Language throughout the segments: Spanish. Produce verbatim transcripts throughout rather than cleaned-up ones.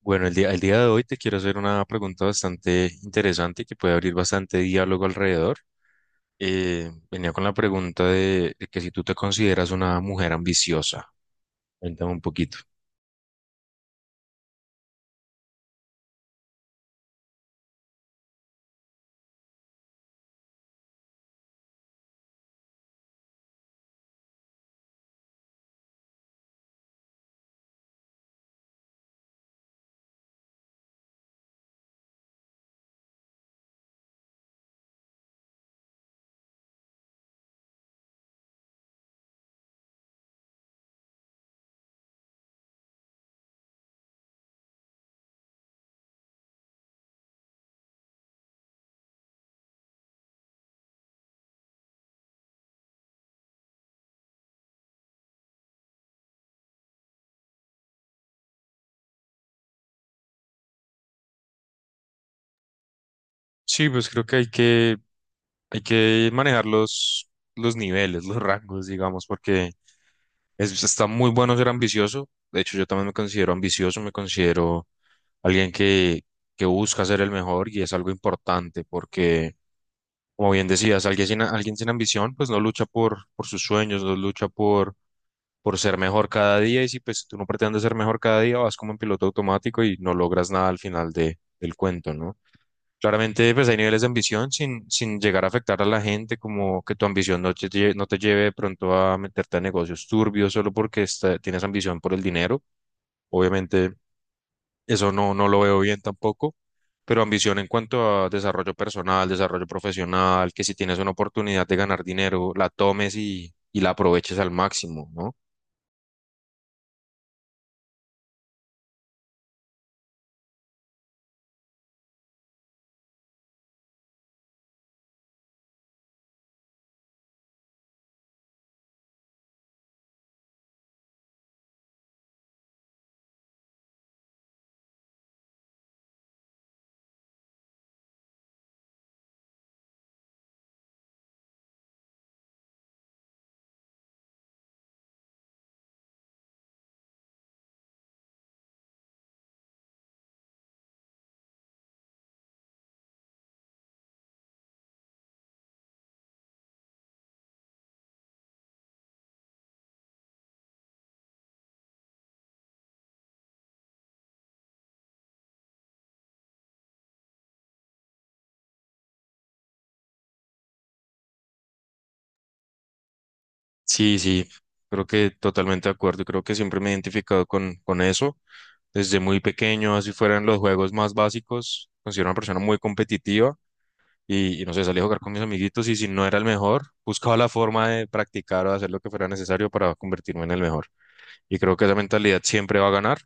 Bueno, el día, el día de hoy te quiero hacer una pregunta bastante interesante que puede abrir bastante diálogo alrededor. Eh, venía con la pregunta de, de que si tú te consideras una mujer ambiciosa, cuéntame un poquito. Sí, pues creo que hay que, hay que manejar los, los niveles, los rangos, digamos, porque es, está muy bueno ser ambicioso. De hecho, yo también me considero ambicioso, me considero alguien que, que busca ser el mejor y es algo importante porque... Como bien decías, alguien sin, alguien sin ambición, pues no lucha por, por sus sueños, no lucha por, por ser mejor cada día. Y si pues si tú no pretendes ser mejor cada día, vas como en piloto automático y no logras nada al final de, del cuento, ¿no? Claramente, pues hay niveles de ambición sin, sin llegar a afectar a la gente, como que tu ambición no te, lle- no te lleve de pronto a meterte a negocios turbios solo porque esta- tienes ambición por el dinero. Obviamente eso no, no lo veo bien tampoco, pero ambición en cuanto a desarrollo personal, desarrollo profesional, que si tienes una oportunidad de ganar dinero, la tomes y, y la aproveches al máximo, ¿no? Sí, sí, creo que totalmente de acuerdo, y creo que siempre me he identificado con, con eso. Desde muy pequeño, así fueran los juegos más básicos, considero una persona muy competitiva y, y no sé, salí a jugar con mis amiguitos y si no era el mejor, buscaba la forma de practicar o de hacer lo que fuera necesario para convertirme en el mejor. Y creo que esa mentalidad siempre va a ganar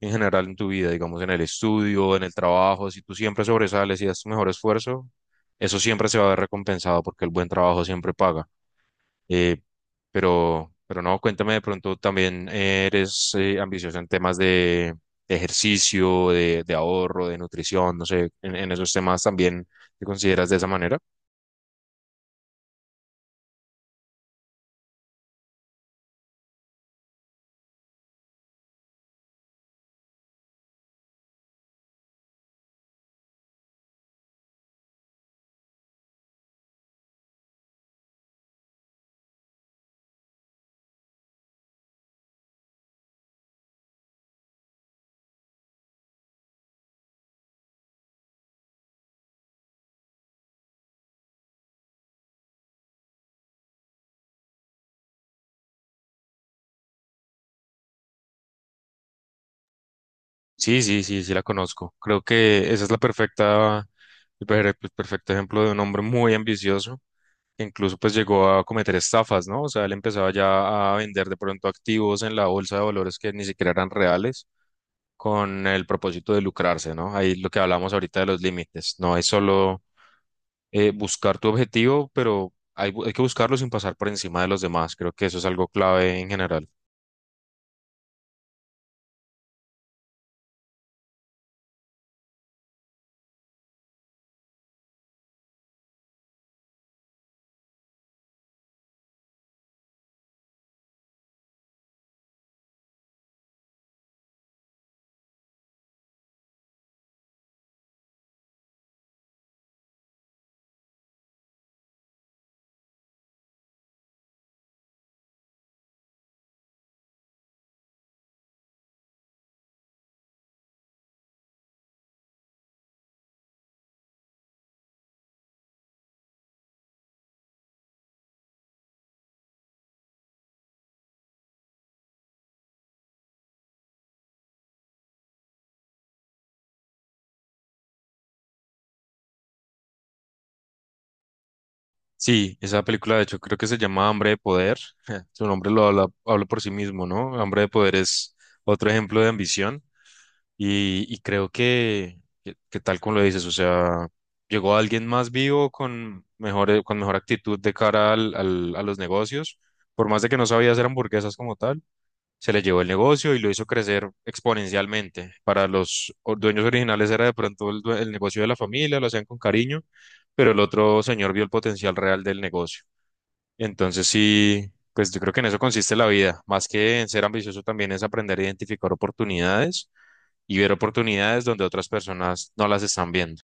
en general en tu vida, digamos, en el estudio, en el trabajo. Si tú siempre sobresales y das tu mejor esfuerzo, eso siempre se va a ver recompensado porque el buen trabajo siempre paga. Eh, pero, pero no, cuéntame de pronto, también eres eh, ambicioso en temas de, de ejercicio, de, de ahorro, de nutrición, no sé, en, en esos temas también te consideras de esa manera. Sí, sí, sí, sí la conozco. Creo que esa es la perfecta, el per- el perfecto ejemplo de un hombre muy ambicioso, incluso pues llegó a cometer estafas, ¿no? O sea, él empezaba ya a vender de pronto activos en la bolsa de valores que ni siquiera eran reales con el propósito de lucrarse, ¿no? Ahí lo que hablamos ahorita de los límites, no es solo eh, buscar tu objetivo, pero hay, bu- hay que buscarlo sin pasar por encima de los demás, creo que eso es algo clave en general. Sí, esa película de hecho creo que se llama Hambre de Poder, su nombre lo habla, habla por sí mismo, ¿no? Hambre de Poder es otro ejemplo de ambición. Y, y creo que, que, que tal como lo dices, o sea, llegó alguien más vivo con mejor, con mejor actitud de cara al, al- a los negocios, por más de que no sabía hacer hamburguesas como tal, se le llevó el negocio y lo hizo crecer exponencialmente. Para los o- dueños originales era de pronto el, due- el negocio de la familia, lo hacían con cariño, pero el otro señor vio el potencial real del negocio. Entonces sí, pues yo creo que en eso consiste la vida, más que en ser ambicioso también es aprender a identificar oportunidades y ver oportunidades donde otras personas no las están viendo.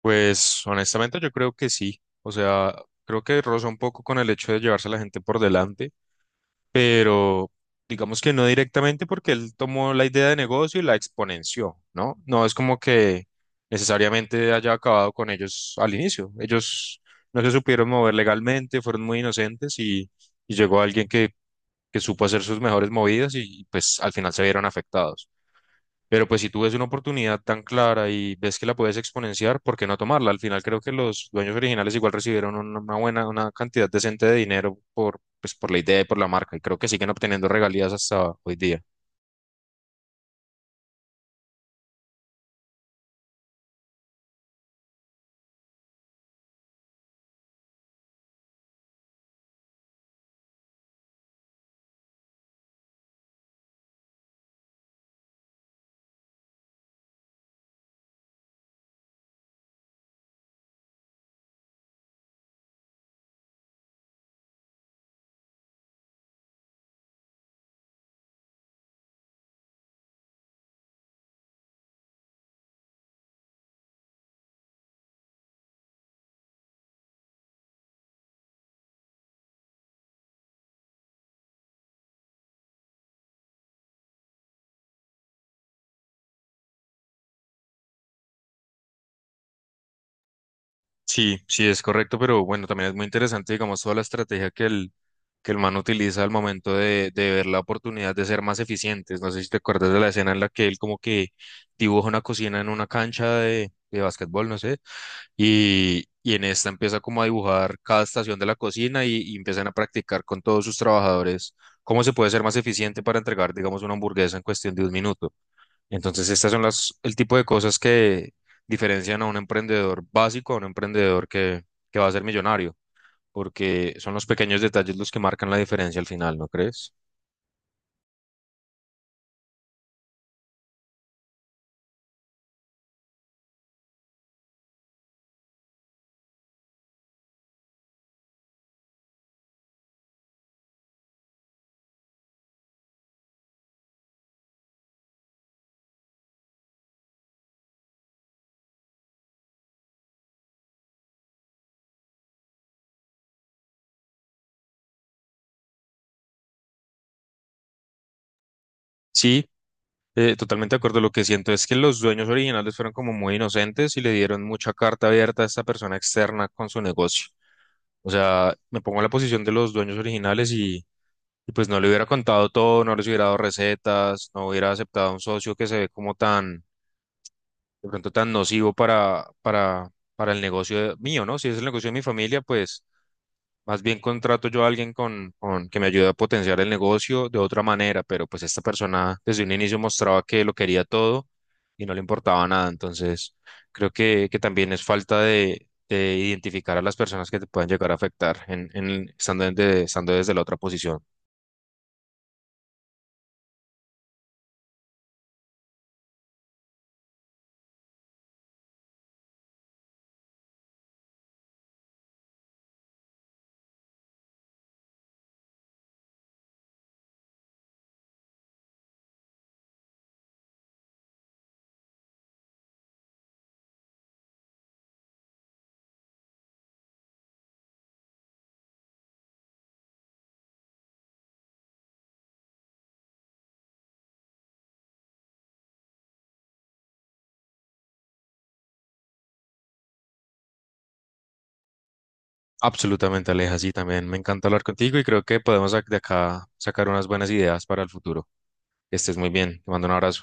Pues honestamente yo creo que sí, o sea, creo que roza un poco con el hecho de llevarse a la gente por delante. Pero digamos que no directamente porque él tomó la idea de negocio y la exponenció, ¿no? No es como que necesariamente haya acabado con ellos al inicio. Ellos no se supieron mover legalmente, fueron muy inocentes y, y llegó alguien que, que supo hacer sus mejores movidas y pues al final se vieron afectados. Pero pues si tú ves una oportunidad tan clara y ves que la puedes exponenciar, ¿por qué no tomarla? Al final creo que los dueños originales igual recibieron una una buena, una cantidad decente de dinero por, pues, por la idea y por la marca, y creo que siguen obteniendo regalías hasta hoy día. Sí, sí, es correcto, pero bueno, también es muy interesante, digamos, toda la estrategia que el, que el man utiliza al momento de, de ver la oportunidad de ser más eficientes. No sé si te acuerdas de la escena en la que él como que dibuja una cocina en una cancha de, de básquetbol, no sé, y, y en esta empieza como a dibujar cada estación de la cocina y, y empiezan a practicar con todos sus trabajadores cómo se puede ser más eficiente para entregar, digamos, una hamburguesa en cuestión de un minuto. Entonces, estas son las, el tipo de cosas que diferencian a un emprendedor básico a un emprendedor que, que va a ser millonario, porque son los pequeños detalles los que marcan la diferencia al final, ¿no crees? Sí, eh, totalmente de acuerdo. Lo que siento es que los dueños originales fueron como muy inocentes y le dieron mucha carta abierta a esta persona externa con su negocio. O sea, me pongo en la posición de los dueños originales y, y pues no le hubiera contado todo, no les hubiera dado recetas, no hubiera aceptado a un socio que se ve como tan de pronto tan nocivo para, para, para el negocio mío, ¿no? Si es el negocio de mi familia, pues más bien contrato yo a alguien con, con que me ayude a potenciar el negocio de otra manera, pero pues esta persona desde un inicio mostraba que lo quería todo y no le importaba nada, entonces creo que, que también es falta de, de identificar a las personas que te pueden llegar a afectar en, en, estando, desde, estando desde la otra posición. Absolutamente, Aleja, sí, también me encanta hablar contigo y creo que podemos ac- de acá sacar unas buenas ideas para el futuro. Que estés muy bien. Te mando un abrazo.